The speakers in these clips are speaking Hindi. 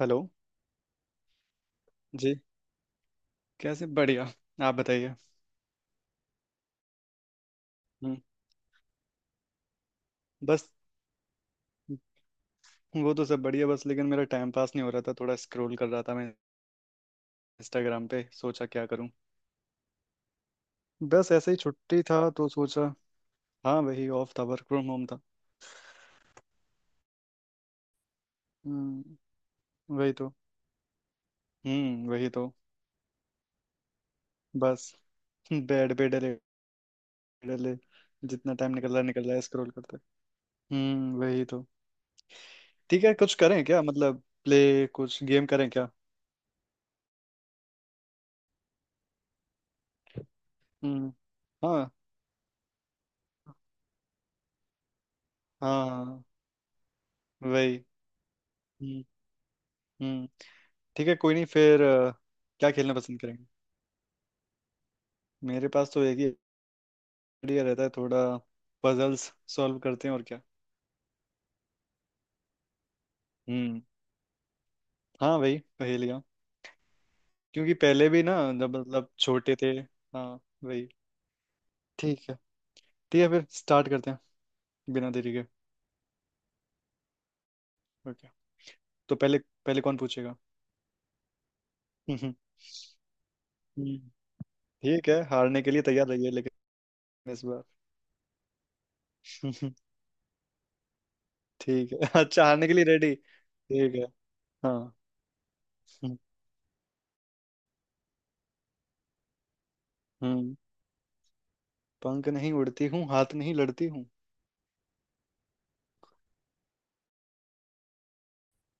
हेलो। जी। कैसे? बढ़िया। आप बताइए। हम्म। बस। वो तो सब बढ़िया, बस लेकिन मेरा टाइम पास नहीं हो रहा था। थोड़ा स्क्रॉल कर रहा था मैं। इंस्टाग्राम पे सोचा क्या करूं। बस ऐसे ही छुट्टी था तो सोचा। हाँ वही ऑफ था, वर्क फ्रॉम होम था। हम्म वही तो। वही तो। बस। बेड पे डले। डले। जितना टाइम निकल रहा है स्क्रॉल करते। वही तो। ठीक है कुछ करें क्या? मतलब प्ले कुछ गेम करें क्या? हम्म। हाँ। हाँ हाँ। वही। हम्म। हम्म। ठीक है कोई नहीं फिर क्या खेलना पसंद करेंगे? मेरे पास तो एक ही आइडिया रहता है। थोड़ा पजल्स सॉल्व करते हैं और क्या। हम्म। हाँ वही पहेलियाँ। क्योंकि पहले भी ना, जब मतलब छोटे थे। हाँ वही। ठीक है। ठीक है फिर स्टार्ट करते हैं बिना देरी के। ओके। तो पहले, पहले कौन पूछेगा? हम्म, हम्म, हम्म। ठीक है हारने के लिए तैयार रहिए लेकिन इस बार। हम्म। ठीक है। अच्छा, हारने के लिए रेडी ठीक है। हाँ। हम्म। हम्म। पंख नहीं उड़ती हूँ, हाथ नहीं लड़ती हूँ।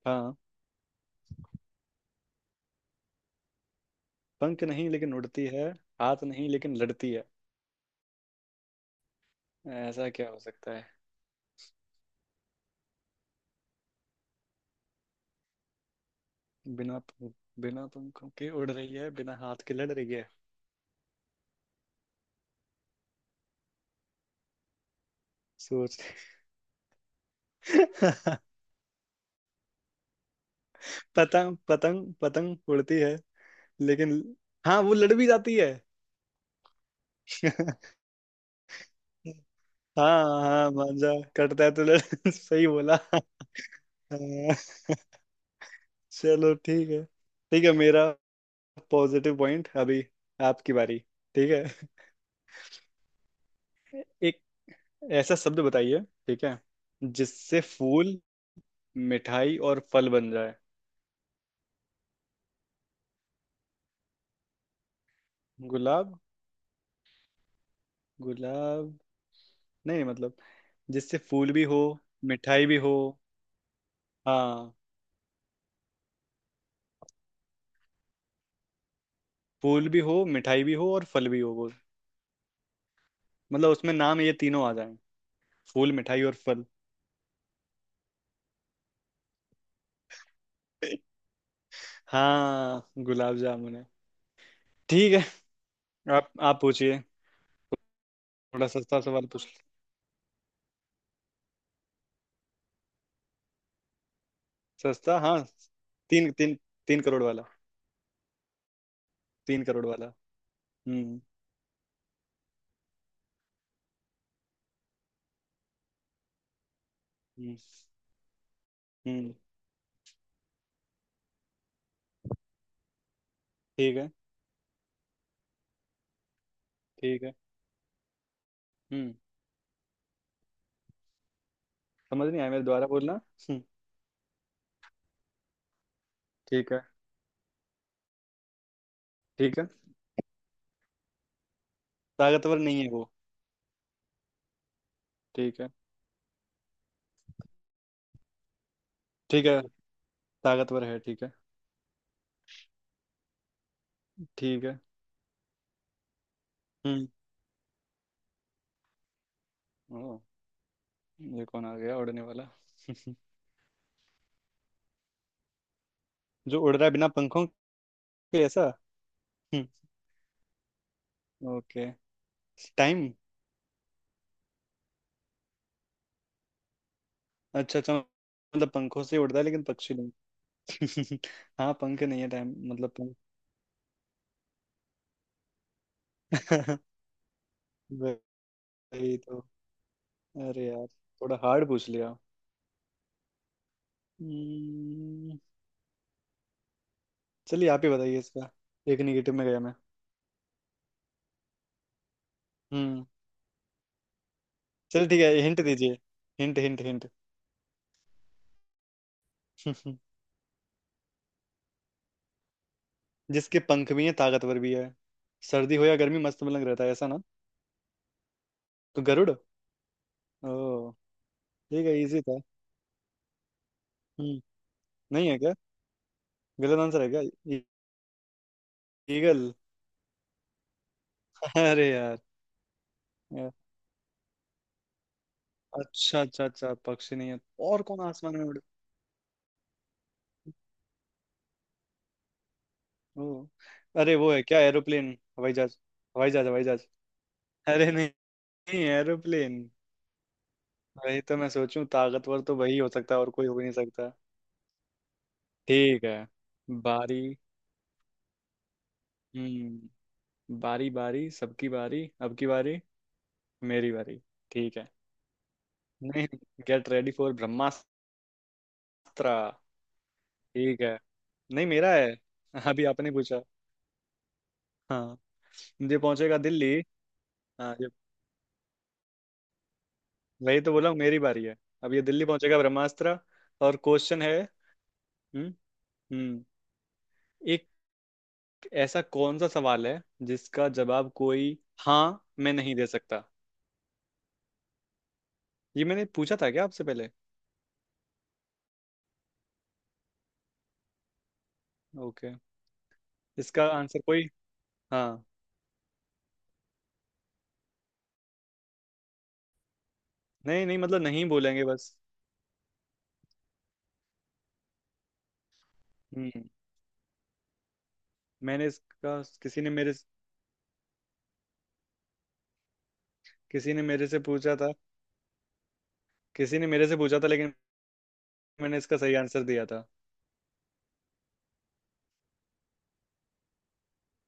हाँ, पंख नहीं लेकिन उड़ती है, हाथ नहीं लेकिन लड़ती है। ऐसा क्या हो सकता है? बिना पंख- बिना पंखों के उड़ रही है, बिना हाथ के लड़ रही है। सोच। पतंग पतंग पतंग उड़ती है लेकिन, हाँ वो लड़ भी जाती है। हाँ हाँ, मांझा कटता है तो लड़। सही बोला। हाँ। चलो ठीक है। ठीक है मेरा पॉजिटिव पॉइंट अभी। आपकी बारी। ठीक है। एक ऐसा शब्द बताइए, ठीक है, जिससे फूल, मिठाई और फल बन जाए। गुलाब। गुलाब। नहीं मतलब जिससे फूल भी हो, मिठाई भी हो। हाँ, फूल भी हो, मिठाई भी हो और फल भी हो वो। मतलब उसमें नाम ये तीनों आ जाएं, फूल, मिठाई और फल। हाँ, गुलाब जामुन है। ठीक है। आप पूछिए। थोड़ा सस्ता सवाल पूछ। सस्ता। हाँ। तीन तीन तीन करोड़ वाला। तीन करोड़ वाला। हम्म। हम्म। हम्म, ठीक है। ठीक है। हम्म। समझ नहीं आया मेरे द्वारा बोलना। हम्म, ठीक है। ठीक है। ताकतवर नहीं है वो? ठीक है। ठीक है। ताकतवर है ठीक है। ठीक है। हम्म। ओ, ये कौन आ गया उड़ने वाला? जो उड़ रहा है बिना पंखों के, ऐसा। हम्म। ओके। टाइम। अच्छा अच्छा, मतलब पंखों से उड़ता है लेकिन पक्षी नहीं। हाँ पंख नहीं है, टाइम मतलब पंख। वही तो। अरे यार, थोड़ा हार्ड पूछ लिया। हम्म। चलिए आप ही बताइए इसका। एक निगेटिव में गया मैं। हम्म। चलो ठीक है, हिंट दीजिए। Hint hint hint. जिसके पंख भी हैं, ताकतवर भी है, सर्दी हो या गर्मी मस्त मलंग रहता है, ऐसा ना? तो गरुड़। ओ, ठीक है इजी था। हम्म, नहीं है क्या? गलत आंसर है क्या? ईगल। अरे यार। यार, अच्छा अच्छा अच्छा पक्षी नहीं है। और कौन आसमान में उड़? ओ, अरे वो है क्या, एरोप्लेन? हवाई जहाज हवाई जहाज हवाई जहाज। अरे नहीं, नहीं एरोप्लेन। वही तो मैं सोचूं, ताकतवर तो वही हो सकता है और कोई हो ही नहीं सकता। ठीक है। बारी। हम्म। बारी बारी सबकी बारी, अब की बारी मेरी बारी। ठीक है। नहीं, गेट रेडी फॉर ब्रह्मास्त्र। ठीक है। नहीं मेरा है। अभी आपने पूछा। हाँ। ये पहुंचेगा दिल्ली। हाँ ये। वही तो बोला हूँ, मेरी बारी है। अब ये दिल्ली पहुंचेगा ब्रह्मास्त्र। और क्वेश्चन है। हम्म। हम्म। एक ऐसा कौन सा सवाल है जिसका जवाब कोई हाँ मैं नहीं दे सकता? ये मैंने पूछा था क्या आपसे पहले? ओके। इसका आंसर कोई हाँ। नहीं नहीं मतलब नहीं बोलेंगे बस। हम्म। मैंने इसका किसी ने मेरे से पूछा था। किसी ने मेरे से पूछा था लेकिन मैंने इसका सही आंसर दिया था।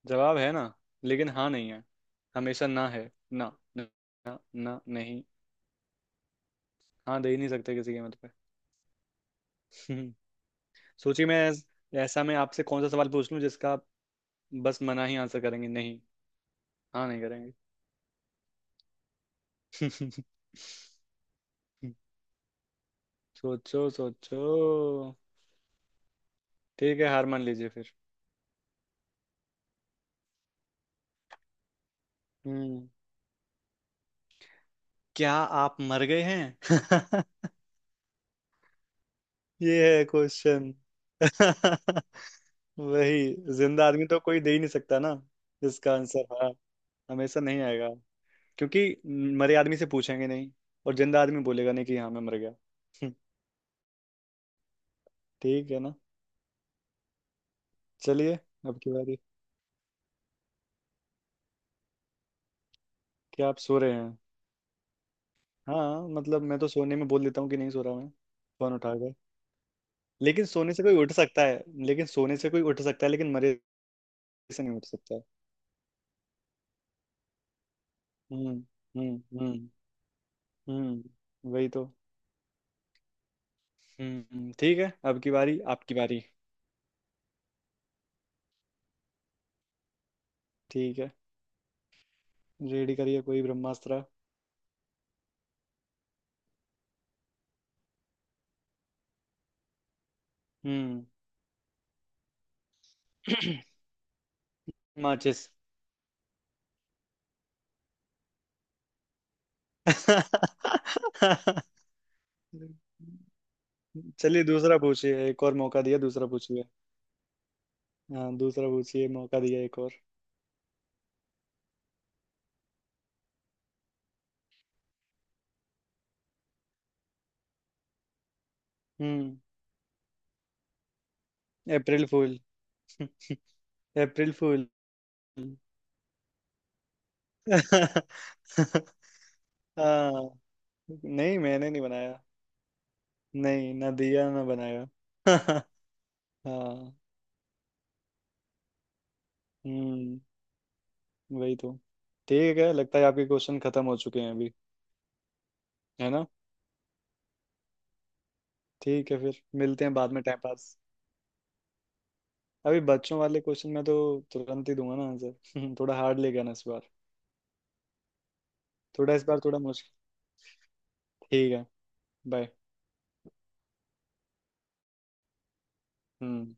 जवाब है ना, लेकिन हाँ नहीं है, हमेशा ना है ना ना। ना, ना नहीं। हाँ दे ही नहीं सकते किसी कीमत पे। हम्म, सोचिए। ऐसा मैं आपसे कौन सा सवाल पूछ लूं जिसका आप बस मना ही आंसर करेंगे नहीं, हाँ नहीं करेंगे। सोचो सोचो। ठीक है हार मान लीजिए फिर। हम्म। क्या आप मर गए हैं? ये है क्वेश्चन। वही, जिंदा आदमी तो कोई दे ही नहीं सकता ना। इसका आंसर हाँ हमेशा नहीं आएगा क्योंकि मरे आदमी से पूछेंगे नहीं और जिंदा आदमी बोलेगा नहीं कि हाँ मैं मर गया। ठीक है ना? चलिए अब की बारी। क्या आप सो रहे हैं? हाँ मतलब मैं तो सोने में बोल देता हूँ कि नहीं सो रहा मैं, फोन उठा कर। लेकिन सोने से कोई उठ सकता है लेकिन मरे से नहीं उठ सकता। हम्म। हम्म। हम्म। वही तो। ठीक है। अब की बारी आपकी बारी। ठीक है, रेडी करिए कोई ब्रह्मास्त्र। हम्म। माचिस। चलिए दूसरा पूछिए, एक और मौका दिया। दूसरा पूछिए। हाँ दूसरा पूछिए, मौका दिया एक और। हम्म। अप्रैल फूल। अप्रैल फूल। हाँ। नहीं मैंने नहीं बनाया। नहीं, ना दिया ना बनाया। हाँ। हम्म, वही तो। ठीक है लगता है आपके क्वेश्चन खत्म हो चुके हैं अभी। है ना? ठीक है फिर मिलते हैं बाद में, टाइम पास। अभी बच्चों वाले क्वेश्चन में तो तुरंत ही दूंगा ना आंसर। थोड़ा हार्ड ले गया ना इस बार। थोड़ा इस बार थोड़ा मुश्किल। ठीक है बाय। हम्म।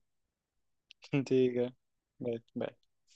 ठीक है। Bye bye.